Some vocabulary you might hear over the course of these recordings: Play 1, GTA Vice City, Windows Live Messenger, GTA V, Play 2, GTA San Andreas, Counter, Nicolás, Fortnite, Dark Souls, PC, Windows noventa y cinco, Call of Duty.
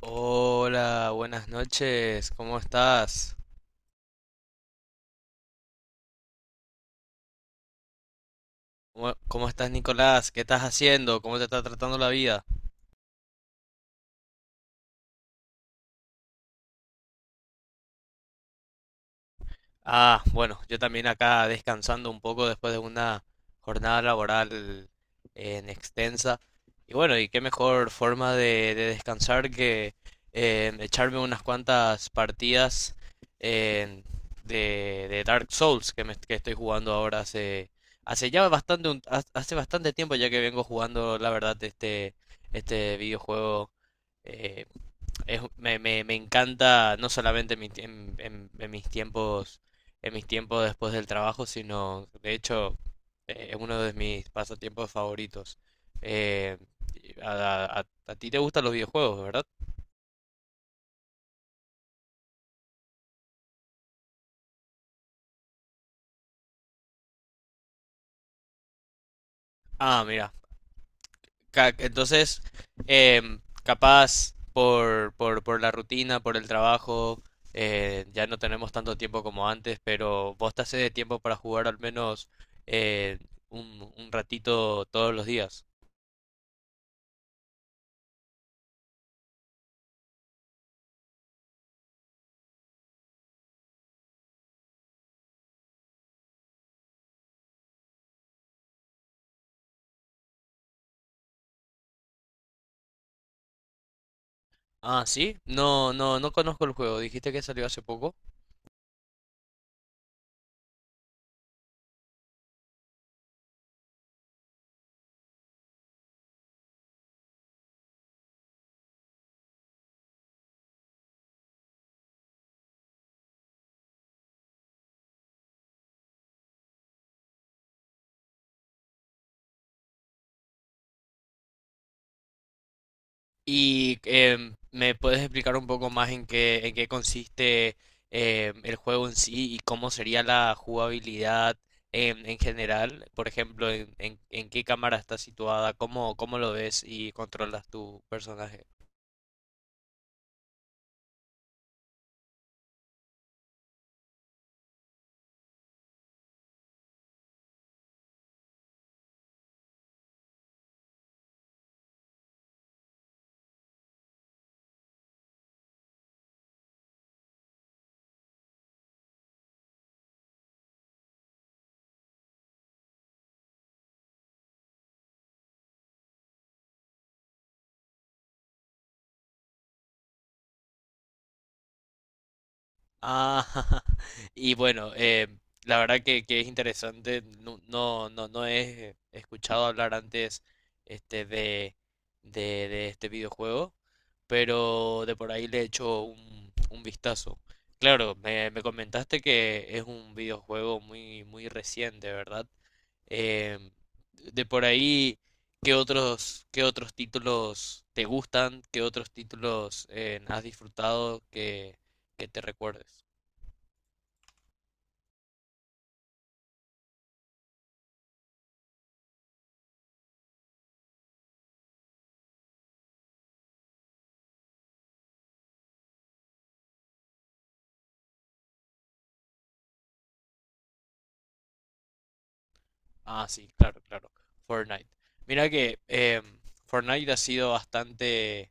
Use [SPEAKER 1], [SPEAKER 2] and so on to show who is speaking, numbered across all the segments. [SPEAKER 1] Hola, buenas noches. ¿Cómo estás? ¿Cómo estás, Nicolás? ¿Qué estás haciendo? ¿Cómo te está tratando la vida? Ah, bueno, yo también acá descansando un poco después de una jornada laboral en extensa. Y bueno, y qué mejor forma de descansar que echarme unas cuantas partidas eh, de Dark Souls que estoy jugando ahora hace ya bastante, hace bastante tiempo ya que vengo jugando, la verdad, este videojuego. eh, me encanta no solamente en mis tiempos, en mis tiempos después del trabajo, sino de hecho es uno de mis pasatiempos favoritos. Eh, a ti te gustan los videojuegos, ¿verdad? Ah, mira. Entonces, capaz por la rutina, por el trabajo, ya no tenemos tanto tiempo como antes, pero vos te haces de tiempo para jugar al menos eh, un ratito todos los días. Ah, sí. No conozco el juego. Dijiste que salió hace poco. Y ¿me puedes explicar un poco más en qué consiste el juego en sí y cómo sería la jugabilidad en general? Por ejemplo, en qué cámara está situada, cómo lo ves y controlas tu personaje. Ah, y bueno, la verdad que es interesante. No he escuchado hablar antes este, de, de, de este videojuego, pero de por ahí le he hecho un vistazo. Claro, me comentaste que es un videojuego muy, muy reciente, ¿verdad? Em, de por ahí, ¿qué otros títulos te gustan? ¿Qué otros títulos has disfrutado que te recuerdes? Ah, sí, claro, claro. Fortnite. Mira que Fortnite ha sido bastante,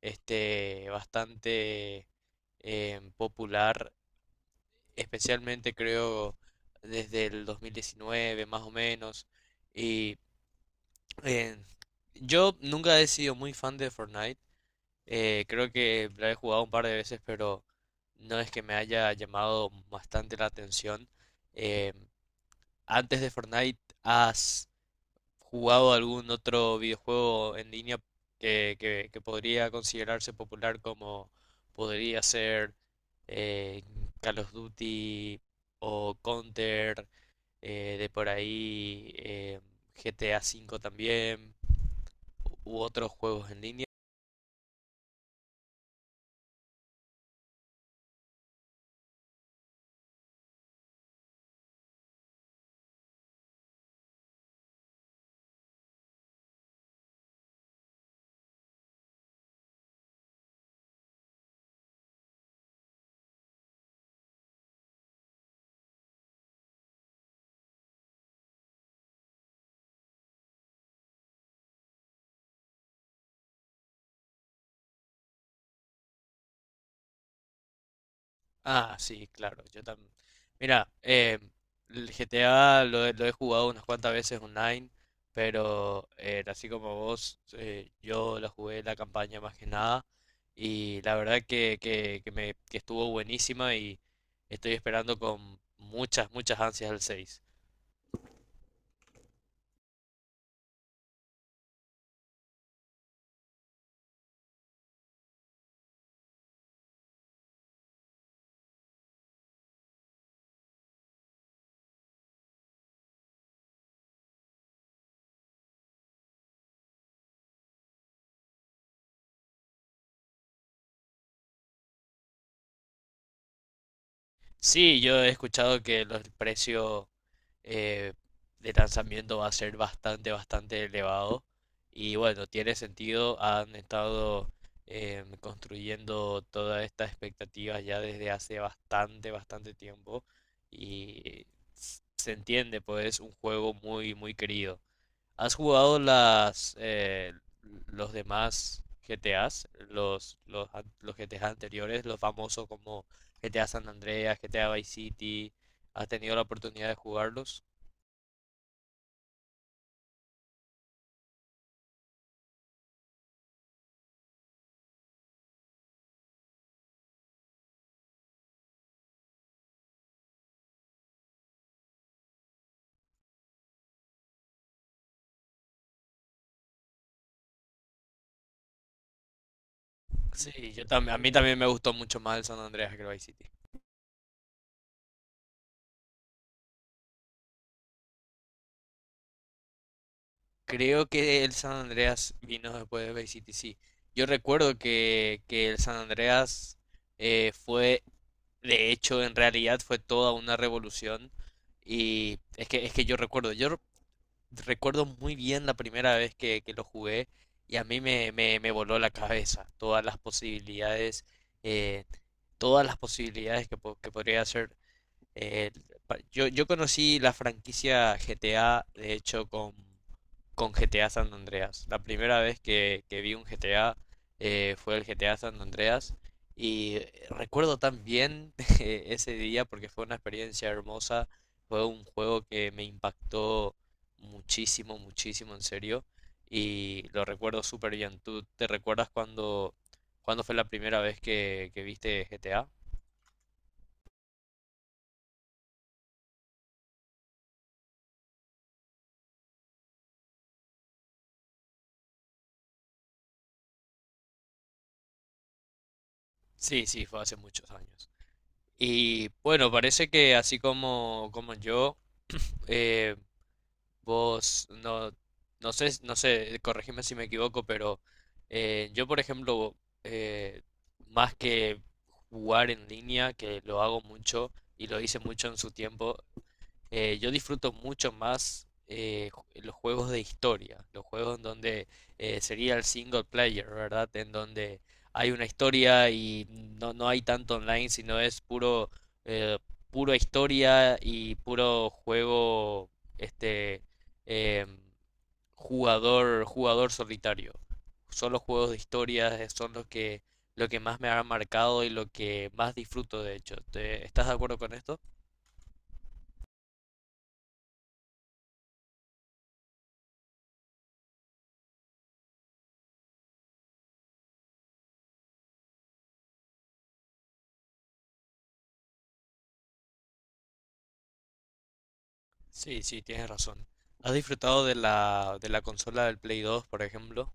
[SPEAKER 1] bastante popular, especialmente creo desde el 2019 más o menos. Y eh, yo nunca he sido muy fan de Fortnite. Creo que la he jugado un par de veces, pero no es que me haya llamado bastante la atención. Eh, Antes de Fortnite, ¿has jugado algún otro videojuego en línea que podría considerarse popular, como podría ser eh, Call of Duty o Counter, de por ahí GTA V también u otros juegos en línea? Ah, sí, claro, yo también. Mira, el GTA lo he jugado unas cuantas veces online, pero así como vos, yo la jugué la campaña más que nada y la verdad que estuvo buenísima y estoy esperando con muchas, muchas ansias el seis. Sí, yo he escuchado que los precios eh, de lanzamiento va a ser bastante, bastante elevado. Y bueno, tiene sentido, han estado construyendo todas estas expectativas ya desde hace bastante, bastante tiempo. Y se entiende, pues es un juego muy, muy querido. ¿Has jugado las los demás GTAs? Los GTAs anteriores, los famosos como GTA San Andreas, GTA Vice City. ¿Has tenido la oportunidad de jugarlos? Sí, yo también, a mí también me gustó mucho más el San Andreas que el Vice City. Creo que el San Andreas vino después de Vice City, sí. Yo recuerdo que el San Andreas fue, de hecho, en realidad, fue toda una revolución. Y es que yo recuerdo muy bien la primera vez que lo jugué, y a mí me voló la cabeza eh, todas las posibilidades que podría hacer. Eh, yo, yo conocí la franquicia GTA, de hecho, con GTA San Andreas. La primera vez que vi un GTA, fue el GTA San Andreas. Y recuerdo tan bien ese día porque fue una experiencia hermosa. Fue un juego que me impactó muchísimo, muchísimo, en serio. Y lo recuerdo súper bien. ¿Tú te recuerdas cuando fue la primera vez que viste GTA? Sí, sí, fue hace muchos años. Y bueno, parece que así como yo, eh, vos, no sé, corregime si me equivoco, pero yo, por ejemplo, eh, más que jugar en línea, que lo hago mucho y lo hice mucho en su tiempo, yo disfruto mucho más los juegos de historia, los juegos en donde sería el single player, ¿verdad? En donde hay una historia y no, no hay tanto online, sino es puro, eh, pura historia y puro juego, este, em, jugador solitario. Solo juegos de historia son lo que más me ha marcado y lo que más disfruto, de hecho. Estás de acuerdo con esto? Sí, sí, tienes razón. ¿Has disfrutado de la consola del Play 2, por ejemplo?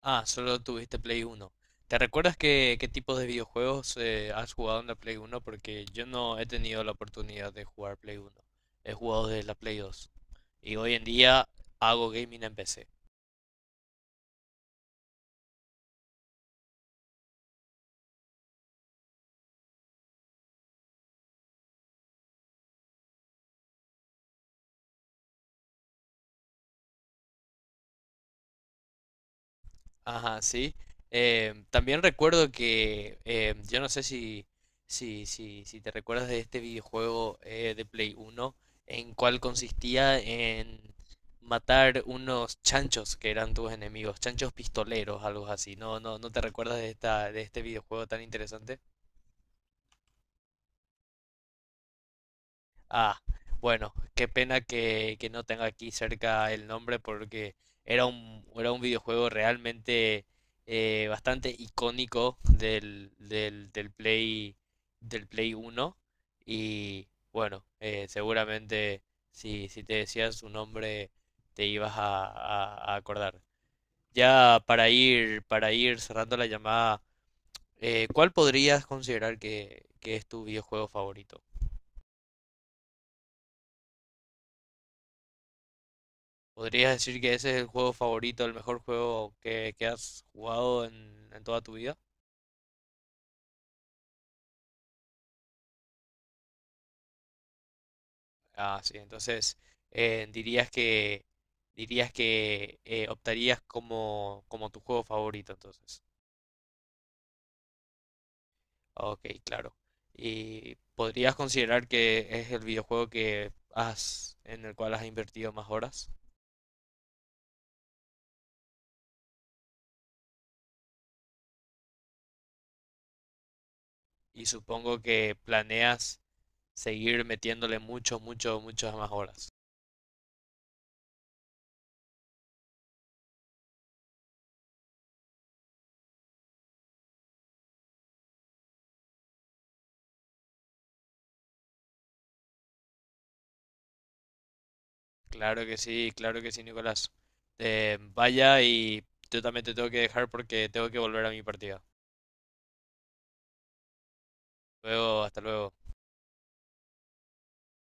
[SPEAKER 1] Ah, solo tuviste Play 1. ¿Te recuerdas qué tipos de videojuegos has jugado en la Play 1? Porque yo no he tenido la oportunidad de jugar Play 1. He jugado desde la Play 2. Y hoy en día hago gaming en PC. Ajá, sí. También recuerdo yo no sé si te recuerdas de este videojuego de Play 1, en cual consistía en matar unos chanchos que eran tus enemigos, chanchos pistoleros, algo así. No te recuerdas de este videojuego tan interesante. Ah, bueno, qué pena que no tenga aquí cerca el nombre, porque era un videojuego realmente bastante icónico del Play 1. Y bueno, seguramente si te decías su nombre te ibas a acordar. Ya para ir cerrando la llamada, ¿cuál podrías considerar que es tu videojuego favorito? ¿Podrías decir que ese es el juego favorito, el mejor juego que has jugado en toda tu vida? Ah, sí, entonces eh, dirías que dirías que optarías como tu juego favorito, entonces. Ok, claro. ¿Y podrías considerar que es el videojuego en el cual has invertido más horas? Y supongo que planeas seguir metiéndole mucho, mucho, muchas más horas. Claro que sí, Nicolás. Vaya, y yo también te tengo que dejar porque tengo que volver a mi partida. Luego, hasta luego.